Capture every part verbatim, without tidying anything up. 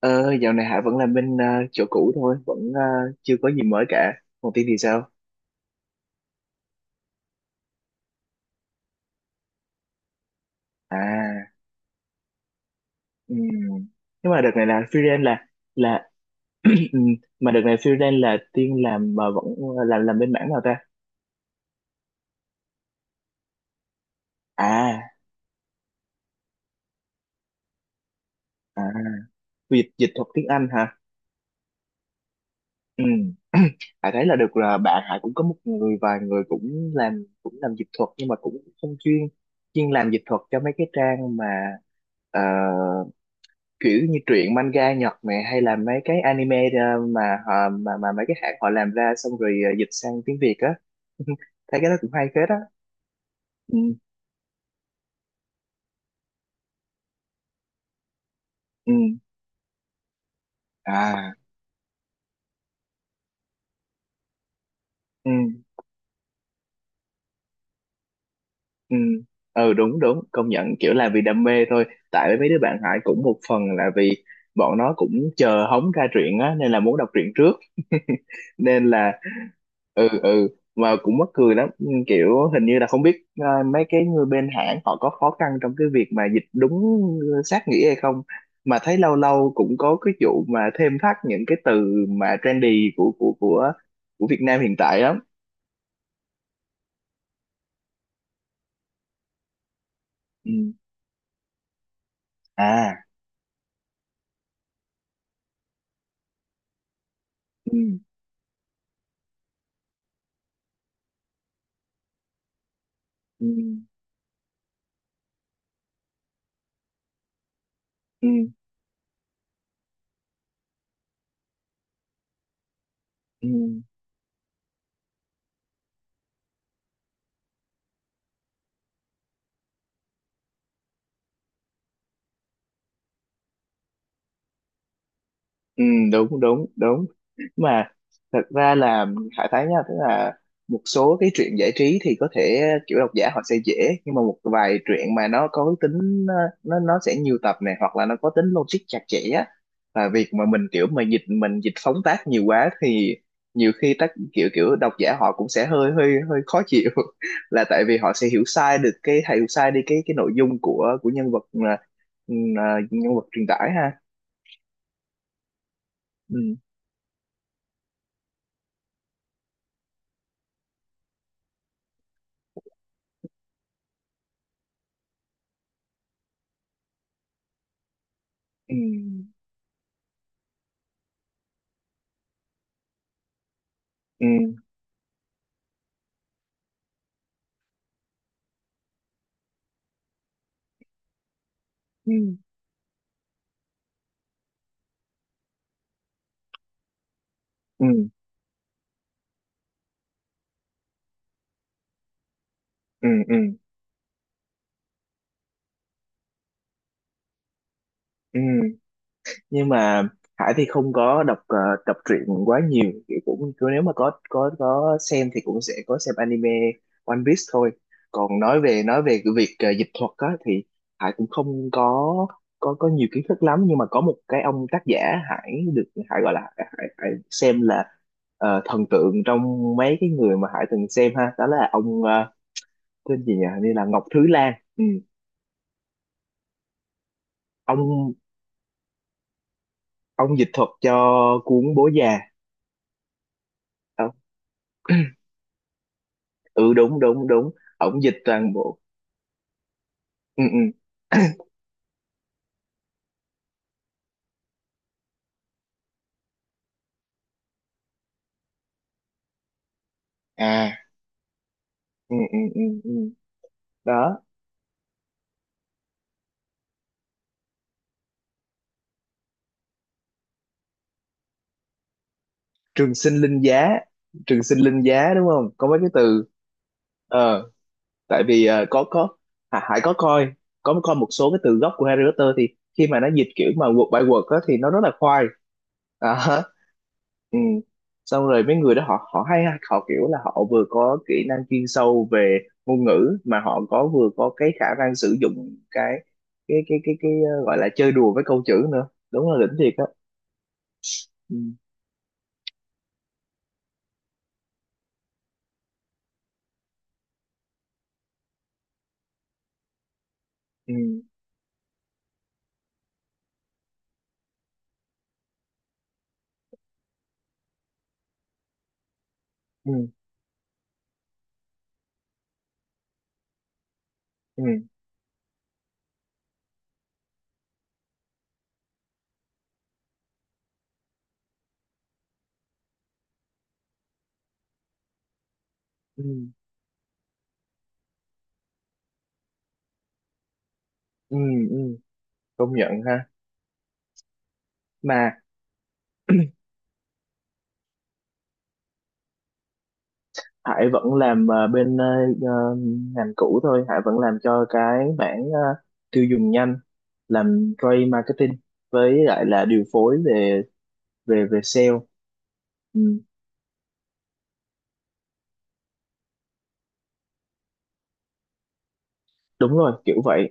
Ờ, Dạo này Hạ vẫn làm bên ờ, chỗ cũ thôi, vẫn ờ, chưa có gì mới cả. Còn Tiên thì sao? À, ừm. Nhưng mà đợt này là freelance là là ừm, mà đợt này freelance là Tiên làm mà vẫn ờ, làm làm bên mảng nào ta? À, à, dịch dịch thuật tiếng Anh hả? Ừ. Hạ thấy là được là bạn Hạ cũng có một người, vài người cũng làm, cũng làm dịch thuật nhưng mà cũng không chuyên chuyên làm dịch thuật cho mấy cái trang mà ờ, kiểu như truyện manga Nhật này, hay là mấy cái anime, ờ, mà họ, mà mà mấy cái hãng họ làm ra xong rồi ờ, dịch sang tiếng Việt á. Thấy cái đó cũng hay phết á. Ừ, ừ. À, ừ, ừ, ừ. Đúng, đúng, công nhận, kiểu là vì đam mê thôi. Tại mấy đứa bạn Hải cũng một phần là vì bọn nó cũng chờ hóng ra truyện á, nên là muốn đọc truyện trước. Nên là ừ, ừ. Mà cũng mắc cười lắm. Ừ, kiểu hình như là không biết ờ, mấy cái người bên hãng họ có khó khăn trong cái việc mà dịch đúng sát nghĩa hay không, mà thấy lâu lâu cũng có cái vụ mà thêm thắt những cái từ mà trendy của của của của Việt Nam hiện tại lắm. Ừ. À. Ừ. Ừ. Ừ. Ừ. Ừ, đúng, đúng, đúng. Mà thật ra là Hải thấy nha, tức là một số cái truyện giải trí thì có thể kiểu độc giả họ sẽ dễ, nhưng mà một vài truyện mà nó có cái tính ờ, nó nó sẽ nhiều tập này, hoặc là nó có tính logic chặt chẽ á, và việc mà mình kiểu mà dịch, mình dịch phóng tác nhiều quá thì nhiều khi tác kiểu kiểu độc giả họ cũng sẽ hơi hơi hơi khó chịu. Là tại vì họ sẽ hiểu sai được cái, hiểu sai đi cái cái nội dung của của nhân vật, ờ, ừ, ờ, nhân vật truyền tải ha. Ừ. Ừ. Ừ. Ừ. Ừ, ừ, ừ, ừ. Nhưng mà Hải thì không có đọc ờ, đọc truyện quá nhiều, thì cũng cứ nếu mà có có có xem thì cũng sẽ có xem anime One Piece thôi. Còn nói về nói về cái việc ờ, dịch thuật á thì Hải cũng không có có có nhiều kiến thức lắm, nhưng mà có một cái ông tác giả Hải được, Hải gọi là, Hải, Hải xem là ờ, thần tượng trong mấy cái người mà Hải từng xem ha, đó là ông ờ, tên gì nhỉ? Hình như là Ngọc Thứ Lan. Ừ. ông ông dịch thuật cho cuốn Bố Già. Ờ, ừ, đúng, đúng, đúng. Ông dịch toàn bộ. Ừ, ừ. À, ừ, ừ, ừ, ừ. Đó, trường sinh linh giá. Trường sinh linh giá, đúng không, có mấy cái từ. Ờ, tại vì ờ, có có Hà- Hải có coi, có coi một số cái từ gốc của Harry Potter thì khi mà nó dịch kiểu mà word by word á, thì nó rất là khoai. À. Ừ. Xong rồi mấy người đó, họ họ hay ha, họ kiểu là họ vừa có kỹ năng chuyên sâu về ngôn ngữ, mà họ có, vừa có cái khả năng sử dụng cái cái cái cái cái, ờ, gọi là chơi đùa với câu chữ nữa, đúng là đỉnh thiệt á. Ừ. Ừ, ừ, ừ, ừ, ừ, ừ, công nhận ha. Mà Hải vẫn làm ờ, bên ờ, ờ, ngành cũ thôi, Hải vẫn làm cho cái mảng ờ, tiêu dùng nhanh, làm trade marketing, với lại là điều phối về về về sale. Ừ, đúng rồi kiểu vậy.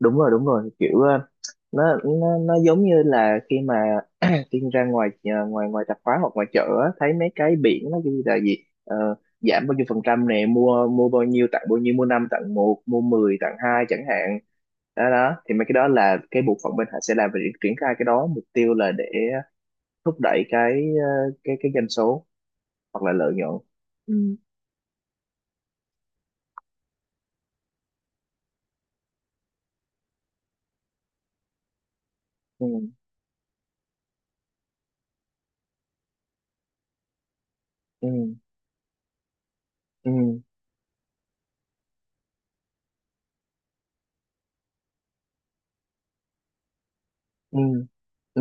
Đúng rồi, đúng rồi, kiểu ờ, nó nó nó giống như là khi mà Tiên ra ngoài, ờ, ngoài ngoài tạp hóa hoặc ngoài chợ á, thấy mấy cái biển nó ghi là gì. Ờ, giảm bao nhiêu phần trăm nè, mua mua bao nhiêu tặng bao nhiêu, mua năm tặng một, mua mười tặng hai chẳng hạn. Đó đó thì mấy cái đó là cái bộ phận bên họ sẽ làm về việc triển khai cái đó, mục tiêu là để thúc đẩy cái, ờ, cái cái doanh số hoặc là lợi nhuận. Ừ. Ừ, ừ, ừ, ừ, ừ,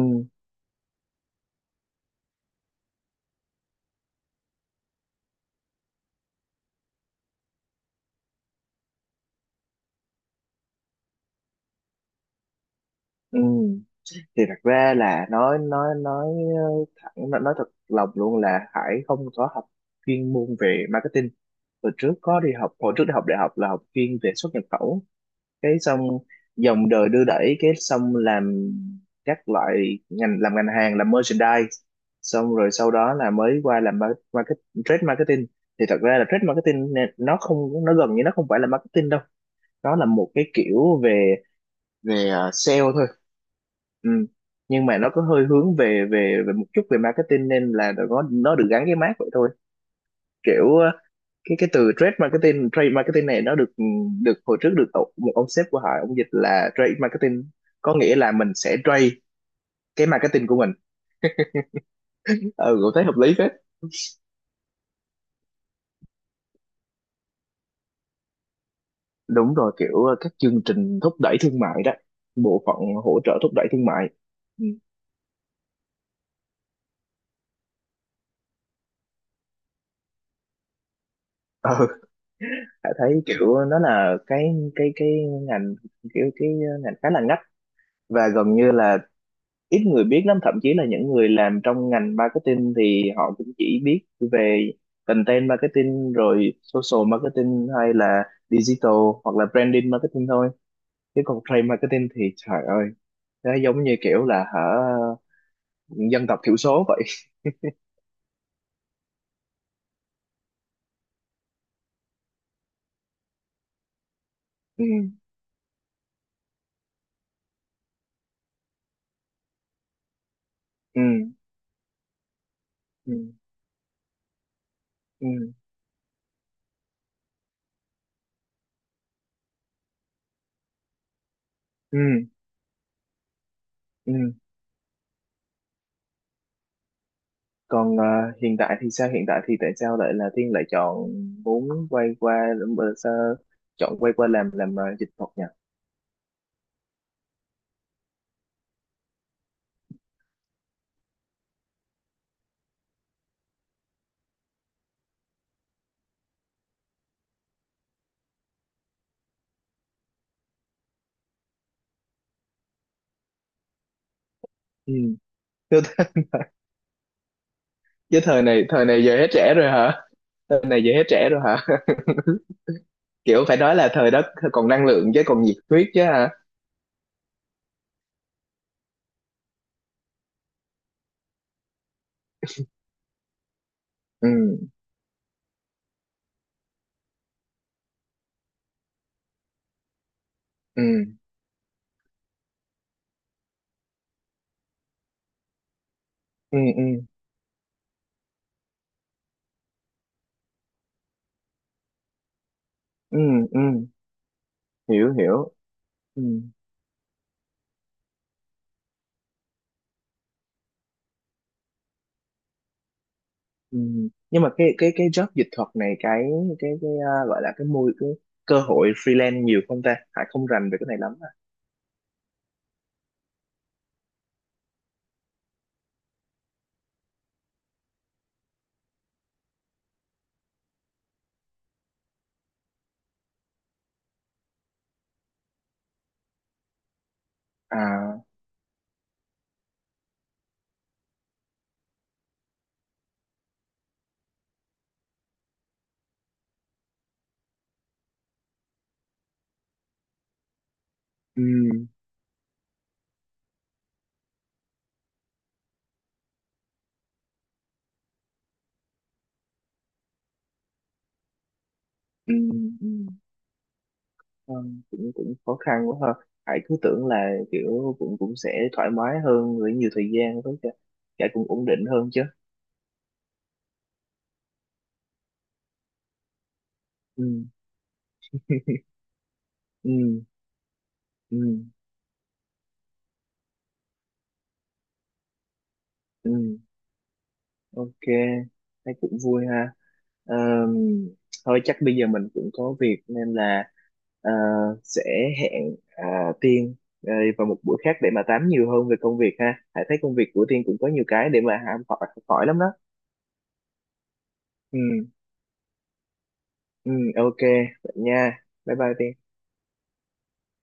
ừ. Thì thật ra là nói nói nói ờ, thẳng, nói, nói thật lòng luôn, là Hải không có học chuyên môn về marketing. Hồi trước có đi học hồi trước đi học đại học là học chuyên về xuất nhập khẩu, cái xong dòng đời đưa đẩy, cái xong làm các loại ngành, làm ngành hàng, làm merchandise, xong rồi sau đó là mới qua làm mar- market trade marketing. Thì thật ra là trade marketing nè, nó không nó gần như nó không phải là marketing đâu, nó là một cái kiểu về về ờ, sale thôi. Ừ. Nhưng mà nó có hơi hướng về về về một chút về marketing nên là nó nó được gắn cái mác vậy thôi. Kiểu cái cái từ trade marketing, trade marketing này nó được được hồi trước được tổ- một ông sếp của họ ông dịch là trade marketing, có nghĩa là mình sẽ trade cái marketing của mình. Ừ, cũng thấy hợp lý phết. Đúng rồi, kiểu ờ, các chương trình thúc đẩy thương mại đó, bộ phận hỗ trợ thúc đẩy thương mại. Ừ. Hải thấy kiểu nó là cái cái cái ngành, kiểu cái ngành khá là ngách và gần như là ít người biết lắm, thậm chí là những người làm trong ngành marketing thì họ cũng chỉ biết về content marketing, rồi social marketing, hay là digital, hoặc là branding marketing thôi. Chứ còn trade marketing thì trời ơi, nó giống như kiểu là hả, dân tộc thiểu số vậy. Ừ, ừ, ừ, ừ, ừ. Còn ờ, hiện tại thì sao, hiện tại thì tại sao lại là Thiên lại chọn muốn quay qua, ờ, sao chọn quay qua làm làm ờ, dịch thuật nhỉ? Ừ. Chứ thời này thời này giờ hết trẻ rồi hả, thời này giờ hết trẻ rồi hả? Kiểu phải nói là thời đó còn năng lượng chứ, còn nhiệt huyết chứ hả. Ừ, ừ, ừ, ừ, ừ, ừ, hiểu hiểu. Ừ, ừ. Nhưng mà cái cái cái job dịch thuật này, cái cái cái à, gọi là, cái môi cái cơ hội freelance nhiều không ta, Hải không rành về cái này lắm. À. À, ừ, ừ, ừ. Ờ, cũng cũng khó khăn quá ha. Hải cứ tưởng là kiểu cũng cũng sẽ thoải mái hơn với nhiều thời gian, với cả, cả cũng ổn định hơn chứ. Ừ, ừ, ừ, ừ, ok. Thấy cũng vui ha. Ờm, Thôi chắc bây giờ mình cũng có việc nên là ờ, sẽ hẹn à, Tiên ờ, vào một buổi khác để mà tám nhiều hơn về công việc ha. Hải thấy công việc của Tiên cũng có nhiều cái để mà học hỏi, học hỏi lắm đó. Ừ, ừ, ok. Vậy nha, bye bye Tiên.